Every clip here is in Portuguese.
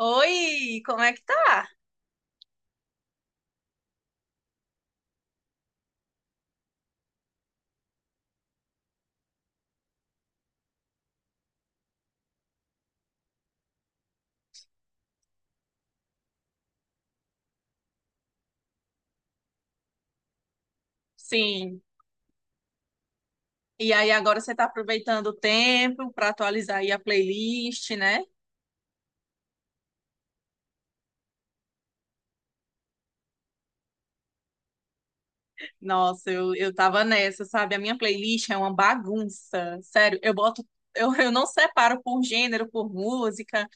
Oi, como é que tá? Sim. E aí, agora você tá aproveitando o tempo para atualizar aí a playlist, né? Nossa, eu tava nessa, sabe? A minha playlist é uma bagunça. Sério, eu boto, eu não separo por gênero, por música,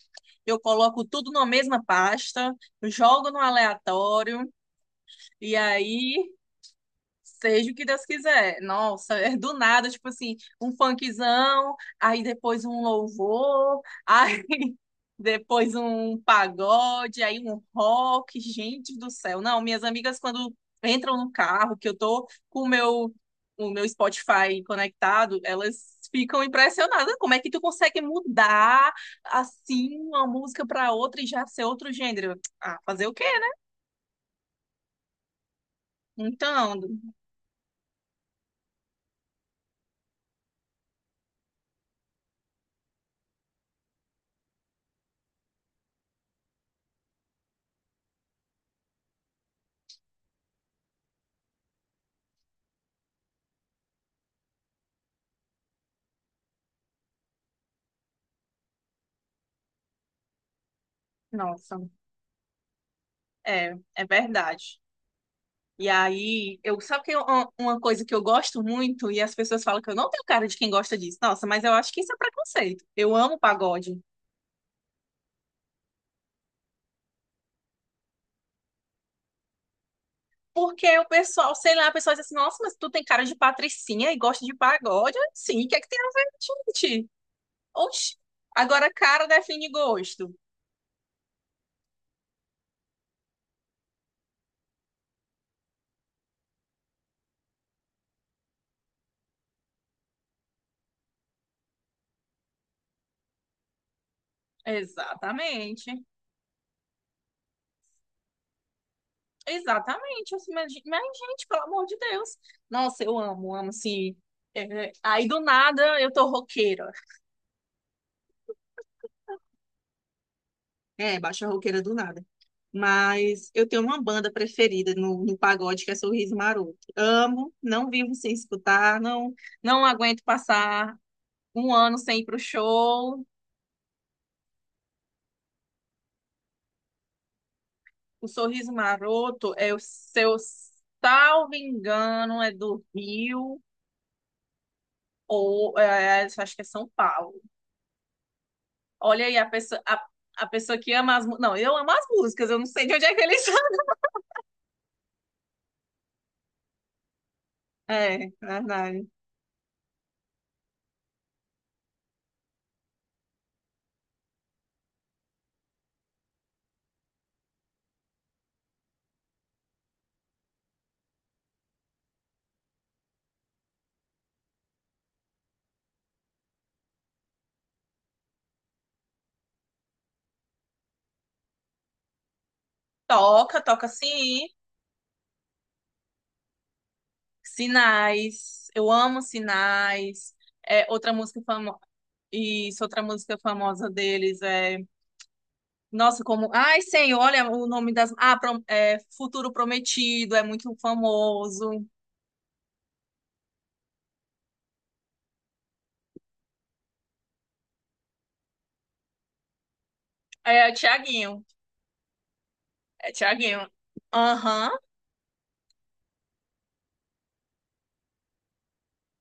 eu coloco tudo na mesma pasta, jogo no aleatório, e aí. Seja o que Deus quiser. Nossa, é do nada, tipo assim, um funkzão, aí depois um louvor, aí depois um pagode, aí um rock. Gente do céu. Não, minhas amigas, quando entram no carro, que eu tô com o meu Spotify conectado, elas ficam impressionadas. Como é que tu consegue mudar assim uma música pra outra e já ser outro gênero? Ah, fazer o quê, né? Então, nossa, é verdade. E aí, eu, sabe que eu- uma coisa que eu gosto muito, e as pessoas falam que eu não tenho cara de quem gosta disso. Nossa, mas eu acho que isso é preconceito. Eu amo pagode. Porque o pessoal, sei lá, a pessoa diz assim, nossa, mas tu tem cara de patricinha e gosta de pagode? Sim, o que é que tem a ver, gente? Oxi. Agora, cara define gosto. Exatamente. Exatamente. Assim, mas, gente, pelo amor de Deus. Nossa, eu amo, amo, assim. É, aí, do nada, eu tô roqueira. É, baixa roqueira do nada. Mas eu tenho uma banda preferida no, no pagode, que é Sorriso Maroto. Amo, não vivo sem escutar, não, não aguento passar um ano sem ir pro show. O Sorriso Maroto é o seu, salvo engano, é do Rio, ou é, acho que é São Paulo. Olha aí, a pessoa que ama as músicas. Não, eu amo as músicas, eu não sei de onde é que eles são. É, verdade. Toca, toca sim. Sinais, eu amo Sinais. É, outra música famosa, isso, outra música famosa deles é, nossa, como, ai, Senhor, olha o nome das, ah, Pro- é, Futuro Prometido, é muito famoso. É, o Thiaguinho. É Tiaguinho. Aham.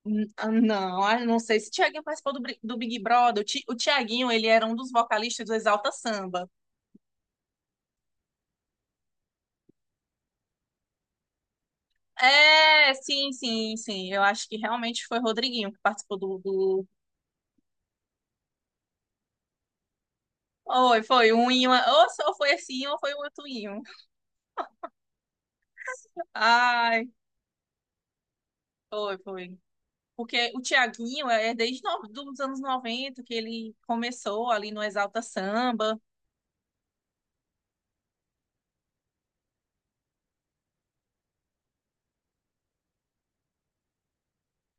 N- ah, Não, ah, não sei se o Thiaguinho participou do, Bri- do Big Brother. O Ti- o Tiaguinho, ele era um dos vocalistas do Exalta Samba. É, sim, sim, sim. Eu acho que realmente foi Rodriguinho que participou do, do Foi, foi um e uma. Ou só foi assim, ou foi o outro em um. Ai, foi, foi. Porque o Thiaguinho é desde os anos 90 que ele começou ali no Exalta Samba.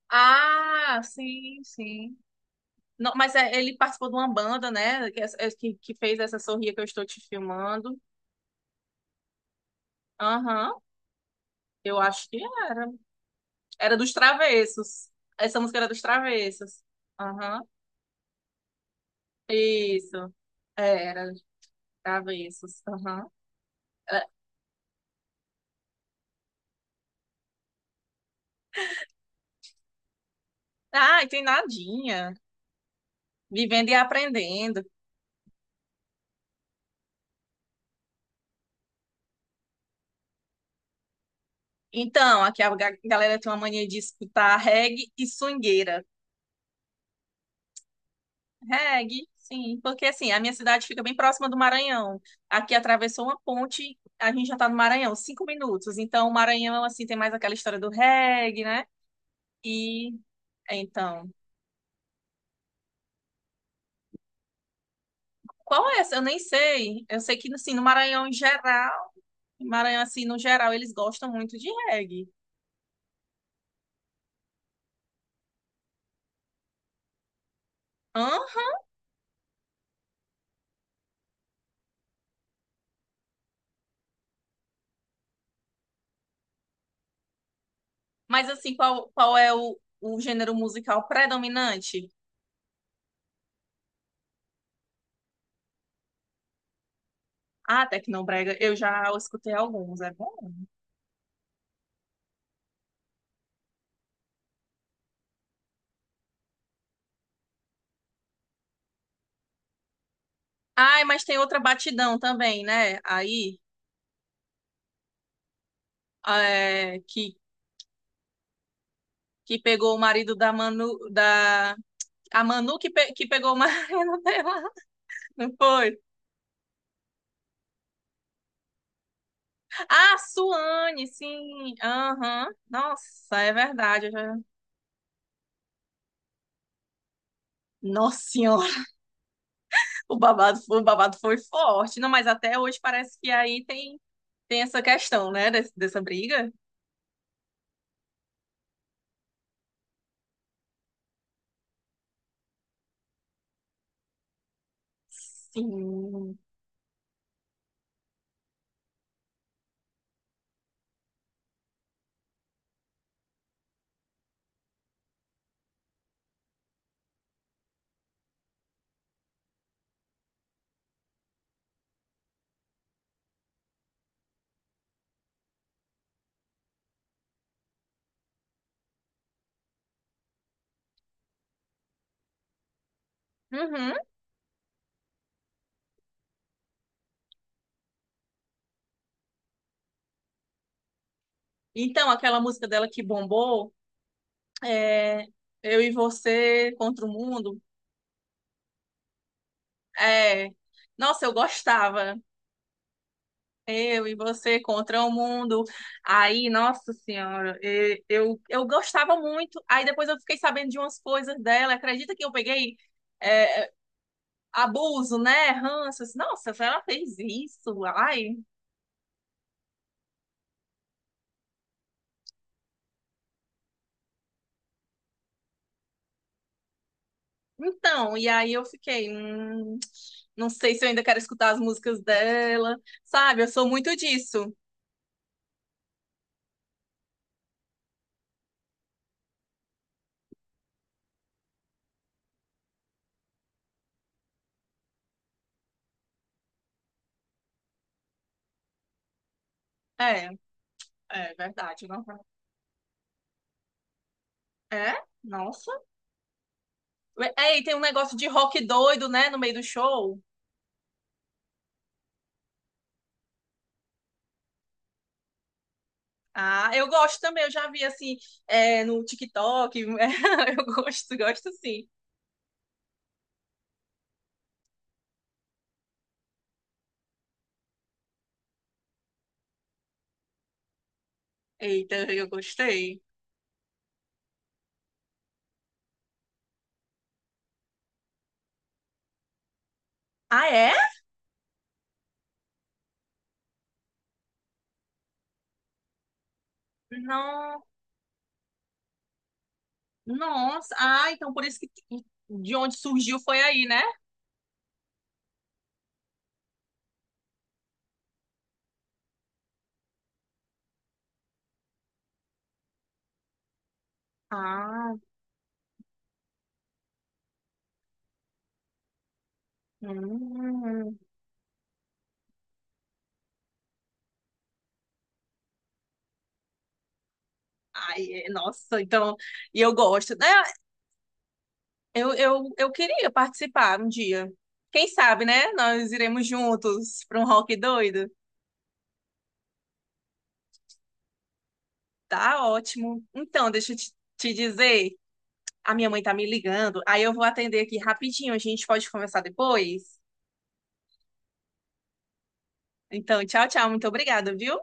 Ah, sim, sim. Não, mas é, ele participou de uma banda, né? Que, é- é, que fez essa sorria que eu estou te filmando. Aham, eu acho que era. Era dos Travessos. Essa música era dos Travessos. Aham, isso. É, era dos Travessos. Aham. Ai, tem nadinha. Vivendo e aprendendo. Então, aqui a ga- galera tem uma mania de escutar reggae e swingueira. Reggae, sim, porque assim, a minha cidade fica bem próxima do Maranhão. Aqui atravessou uma ponte, a gente já tá no Maranhão, cinco minutos. Então, o Maranhão, assim, tem mais aquela história do reggae, né? E, então, qual é essa? Eu nem sei. Eu sei que, assim, no Maranhão em geral, Maranhão, assim, no geral, eles gostam muito de reggae. Hã? Mas assim, qual, qual é o gênero musical predominante? Ah, tecnobrega, eu já escutei alguns, é bom. Ai, mas tem outra batidão também, né? Aí, é, que pegou o marido da Manu, da... A Manu que, pe- que pegou o marido dela, não foi? Ah, Suane, sim, aham. Nossa, é verdade. Eu já- Nossa senhora, o babado foi forte. Não, mas até hoje parece que aí tem, tem essa questão, né, des- dessa briga. Sim. Uhum. Então, aquela música dela que bombou, é, Eu e Você contra o Mundo. É, nossa, eu gostava. Eu e Você contra o Mundo. Aí, nossa senhora, e- eu gostava muito. Aí depois eu fiquei sabendo de umas coisas dela. Acredita que eu peguei é, abuso, né? Ranças. Nossa, ela fez isso. Ai. Então, e aí eu fiquei, não sei se eu ainda quero escutar as músicas dela, sabe? Eu sou muito disso. É, é verdade, não. É? É? Nossa. É, e tem um negócio de rock doido, né, no meio do show. Ah, eu gosto também, eu já vi assim, é, no TikTok. Eu gosto, gosto sim. Eita, eu gostei. Ah, é? Não, nossa. Ah, então por isso que de onde surgiu foi aí, né? Ah, hum. Ai, é- nossa, então, e eu gosto, né? Eu queria participar um dia. Quem sabe, né? Nós iremos juntos para um rock doido. Tá ótimo. Então, deixa eu te dizer, a minha mãe tá me ligando, aí eu vou atender aqui rapidinho, a gente pode conversar depois? Então, tchau, tchau, muito obrigada, viu?